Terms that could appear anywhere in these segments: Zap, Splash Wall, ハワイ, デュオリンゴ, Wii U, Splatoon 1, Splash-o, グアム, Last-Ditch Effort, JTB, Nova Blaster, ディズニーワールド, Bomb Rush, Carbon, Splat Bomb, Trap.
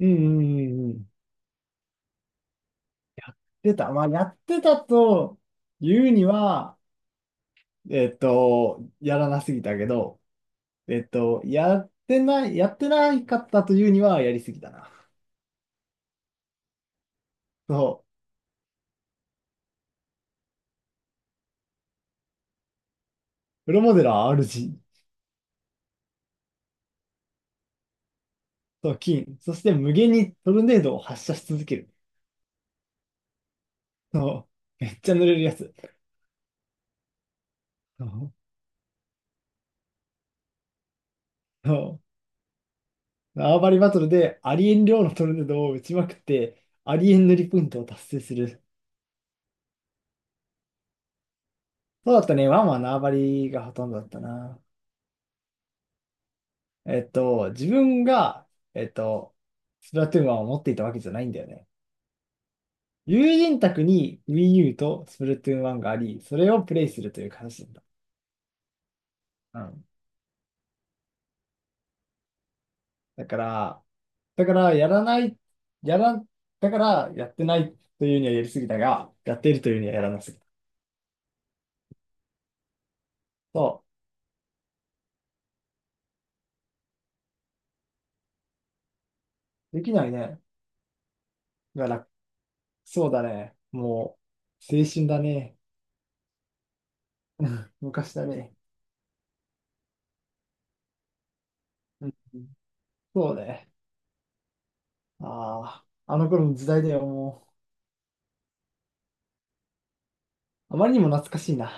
うんうんうんうん。出た。まあ、やってたと言うには、やらなすぎたけど、やってないかったと言うには、やりすぎたな。そう。プロモデラー RG と金、そして無限にトルネードを発射し続ける。そう。めっちゃ濡れるやつ。そう。そう縄張りバトルでありえん量のトルネードを打ちまくって、ありえん塗りポイントを達成する。そうだったね。ワンは縄張りがほとんどだったな。自分が、えっと、スプラトゥーン1を持っていたわけじゃないんだよね。友人宅に Wii U とスプラトゥーン1があり、それをプレイするという形なんだ。うん。だから、だから、やらない、やら、だから、やってないというにはやりすぎたが、やっているというにはやらなすぎた。そう。できないね。だから、そうだね。もう、青春だね。うん昔だね。うんそうね。ああ、あの頃の時代だよ、もう。あまりにも懐かしいな。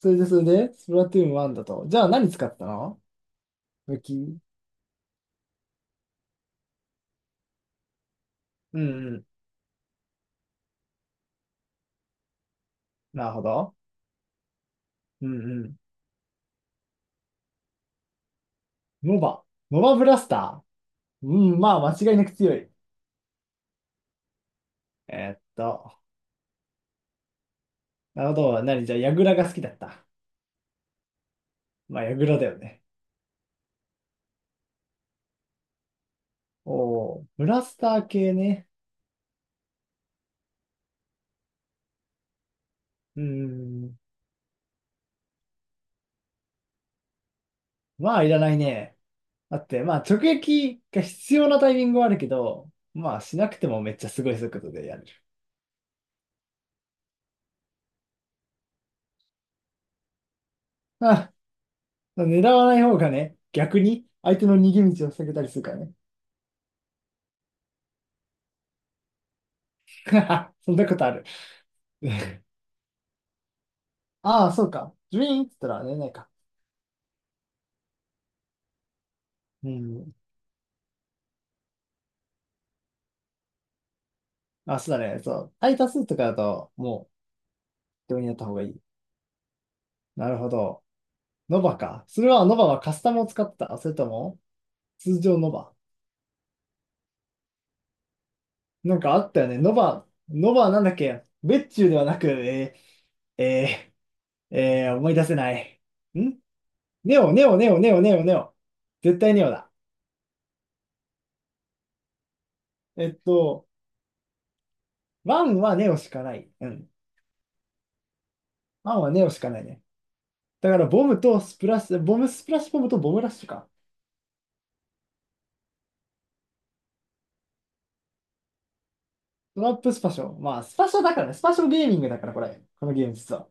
それで、スプラトゥーン1だと。じゃあ何使ったの？武器。うんうん。なるほど。うんうん。ノバ。ノバブラスター。うん、まあ間違いなく強い。えーっと、なるほど。何じゃあ、ヤグラが好きだった？まあ、ヤグラだよね。おお、ブラスター系ね。うん。まあ、いらないね。だって、まあ、直撃が必要なタイミングはあるけど、まあ、しなくてもめっちゃすごい速度でやれる。あ、狙わない方がね、逆に相手の逃げ道を避けたりするからね。そんなことある？ああ、そうか。ジュイーンって言ったら寝れないか。うん。あ、そうだね。そう。タイタスとかだと、もう、病院やった方がいい。なるほど。ノバか。それは、ノバはカスタムを使ってた。それとも、通常ノバ。なんかあったよね。ノバはなんだっけ。別注ではなく、ー、え思い出せない。んネオ、ネオ、ネオ、ネオ、ネオ、ネオ。絶対ネオだ。えっと、ワンはネオしかない。うん。ワンはネオしかないね。だからボムとスプラッシュ、ボムスプラッシュボムとボムラッシュか。トラップスパショ。まあ、スパショだからね。スパショゲーミングだから、これ。このゲーム実は。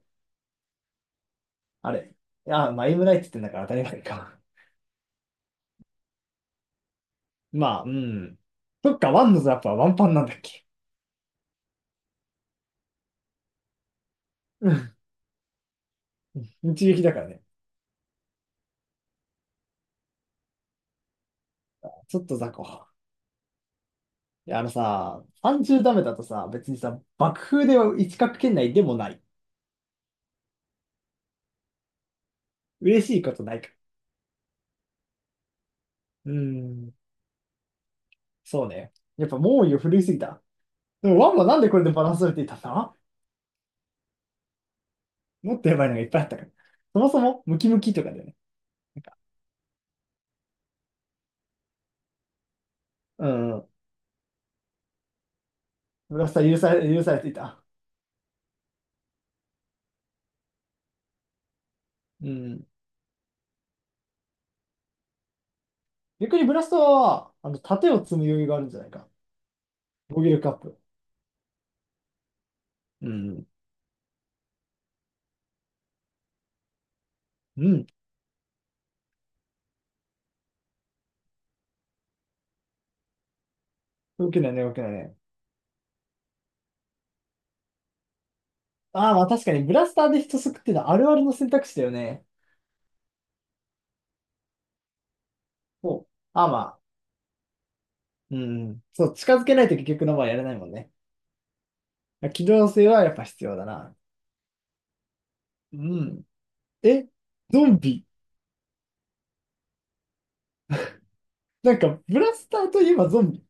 あれ。いや、まあ、エムライって言ってんだから当たり前か。まあ、うん。そっか、ワンのザップはワンパンなんだっけ？うん。一撃だからね。ちょっと雑魚。いや、あのさ、30ダメだとさ、別にさ、爆風では一角圏内でもない。嬉しいことないから。うーん。そうね。やっぱ猛威を振るいすぎた。でもワンはなんでこれでバランス取れていたんだ？もっとやばいのがいっぱいあったから。そもそもムキムキとかだよね。なんか、うんうん。ブラスター許されていた。うん。逆にブラスターは、あの、盾を積む余裕があるんじゃないか。防御力アップ。うん。うん。動けないね、動けないね。ああ、まあ確かに、ブラスターで人削っていうのはあるあるの選択肢だよね。そう。ああ、まあ。うん。そう、近づけないと結局の場合やれないもんね。機動性はやっぱ必要だな。うん。え、ゾンビ。なんか、ブラスターといえばゾンビ。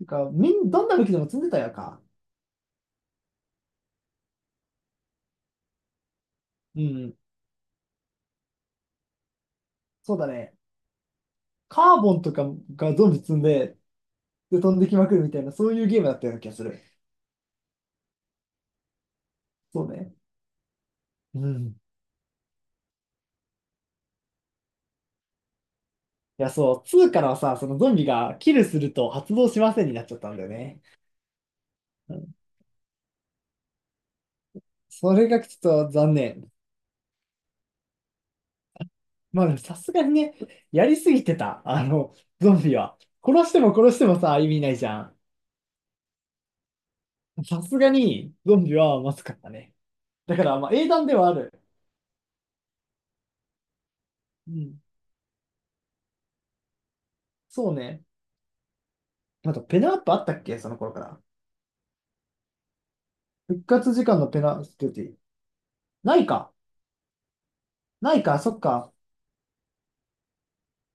なんか、どんな武器でも積んでたやんか。うんそうだね。カーボンとかがゾンビ積んで、で飛んできまくるみたいな、そういうゲームだったような気がする。そうね。うん。いや、そう、2からはさ、そのゾンビがキルすると発動しませんになっちゃったんだよね。うん、それがちょっと残念。まあでもさすがにね、やりすぎてた、あの、ゾンビは。殺しても殺してもさ、意味ないじゃん。さすがに、ゾンビはまずかったね。だから、まあ、英断ではある。うん。そうね。あと、ペナアップあったっけその頃から。復活時間のペナルティ。ないか。ないか、そっか。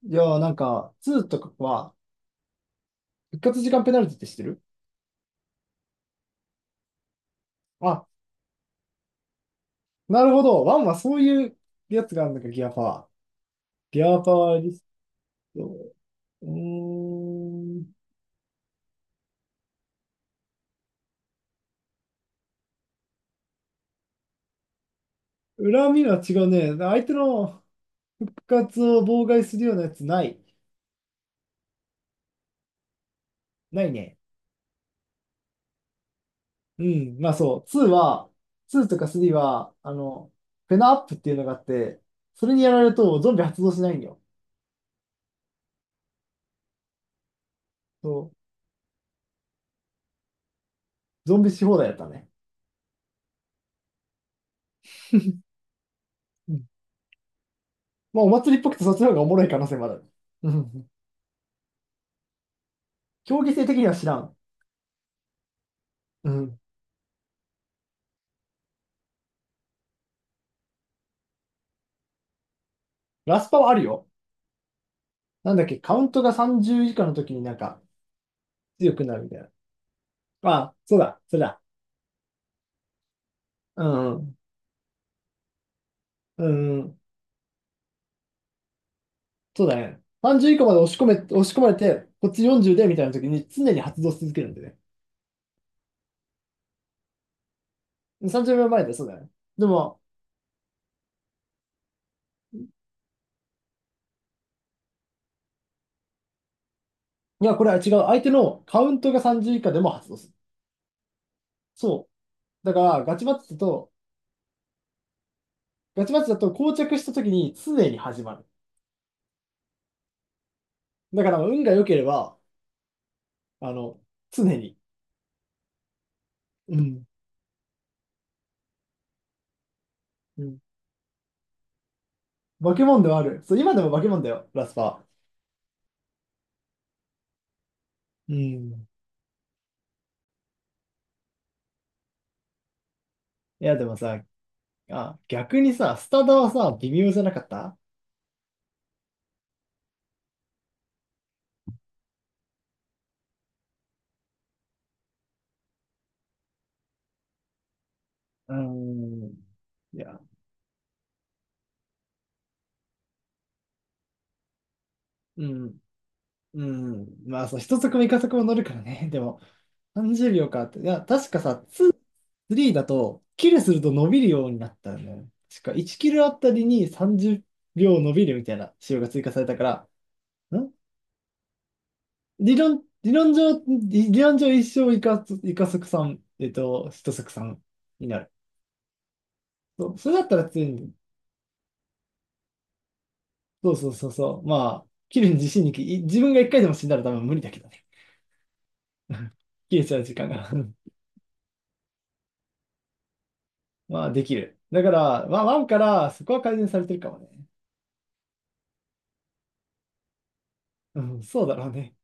いやー、なんか、2とかは、復活時間ペナルティって知ってる？あ、なるほど。1はそういうやつがあるのか、ギアパワー。ギアパワーリスト。うーん。恨みは違うね。相手の復活を妨害するようなやつない？ないね。うん。まあそう。2は、2とか3は、あの、フェナアップっていうのがあって、それにやられるとゾンビ発動しないんよ。そう。ゾンビし放題やったね。まあ、お祭りっぽくてそっちの方がおもろい可能性もある。うん。競技性的には知らん。うん。ラスパはあるよ。なんだっけ、カウントが30以下の時になんか強くなるみたいな。まああ、そうだ、それだ。うん。うん。うんうんそうだね。30以下まで押し込まれて、こっち40でみたいな時に常に発動し続けるんでね。30秒前で、そうだね。でも、いや、これは違う。相手のカウントが30以下でも発動する。そう。だから、ガチマッチだと、膠着した時に常に始まる。だから、運が良ければ、あの、常に。うん。うん。化け物ではある。そう、今でも化け物だよ、ラスパー。うん。いや、でもさ、あ、逆にさ、スタダはさ、微妙じゃなかった？うん。いや、うん。うん。まあ、そう、一足も二足も乗るからね。でも、30秒かって。いや、確かさ、2、3だと、キルすると伸びるようになったよね。確か、1キルあたりに30秒伸びるみたいな仕様が追加されたから、ん理論上一生イカ足さん、シト足さんになる。そう、それだったら強いんだよ。そうそうそうそう。まあ、切るに自信にい自分が1回でも死んだら多分無理だけどね。切れちゃう時間が。まあ、できる。だから、まあ、ワンからそこは改善されてるかもね。うん、そうだろうね。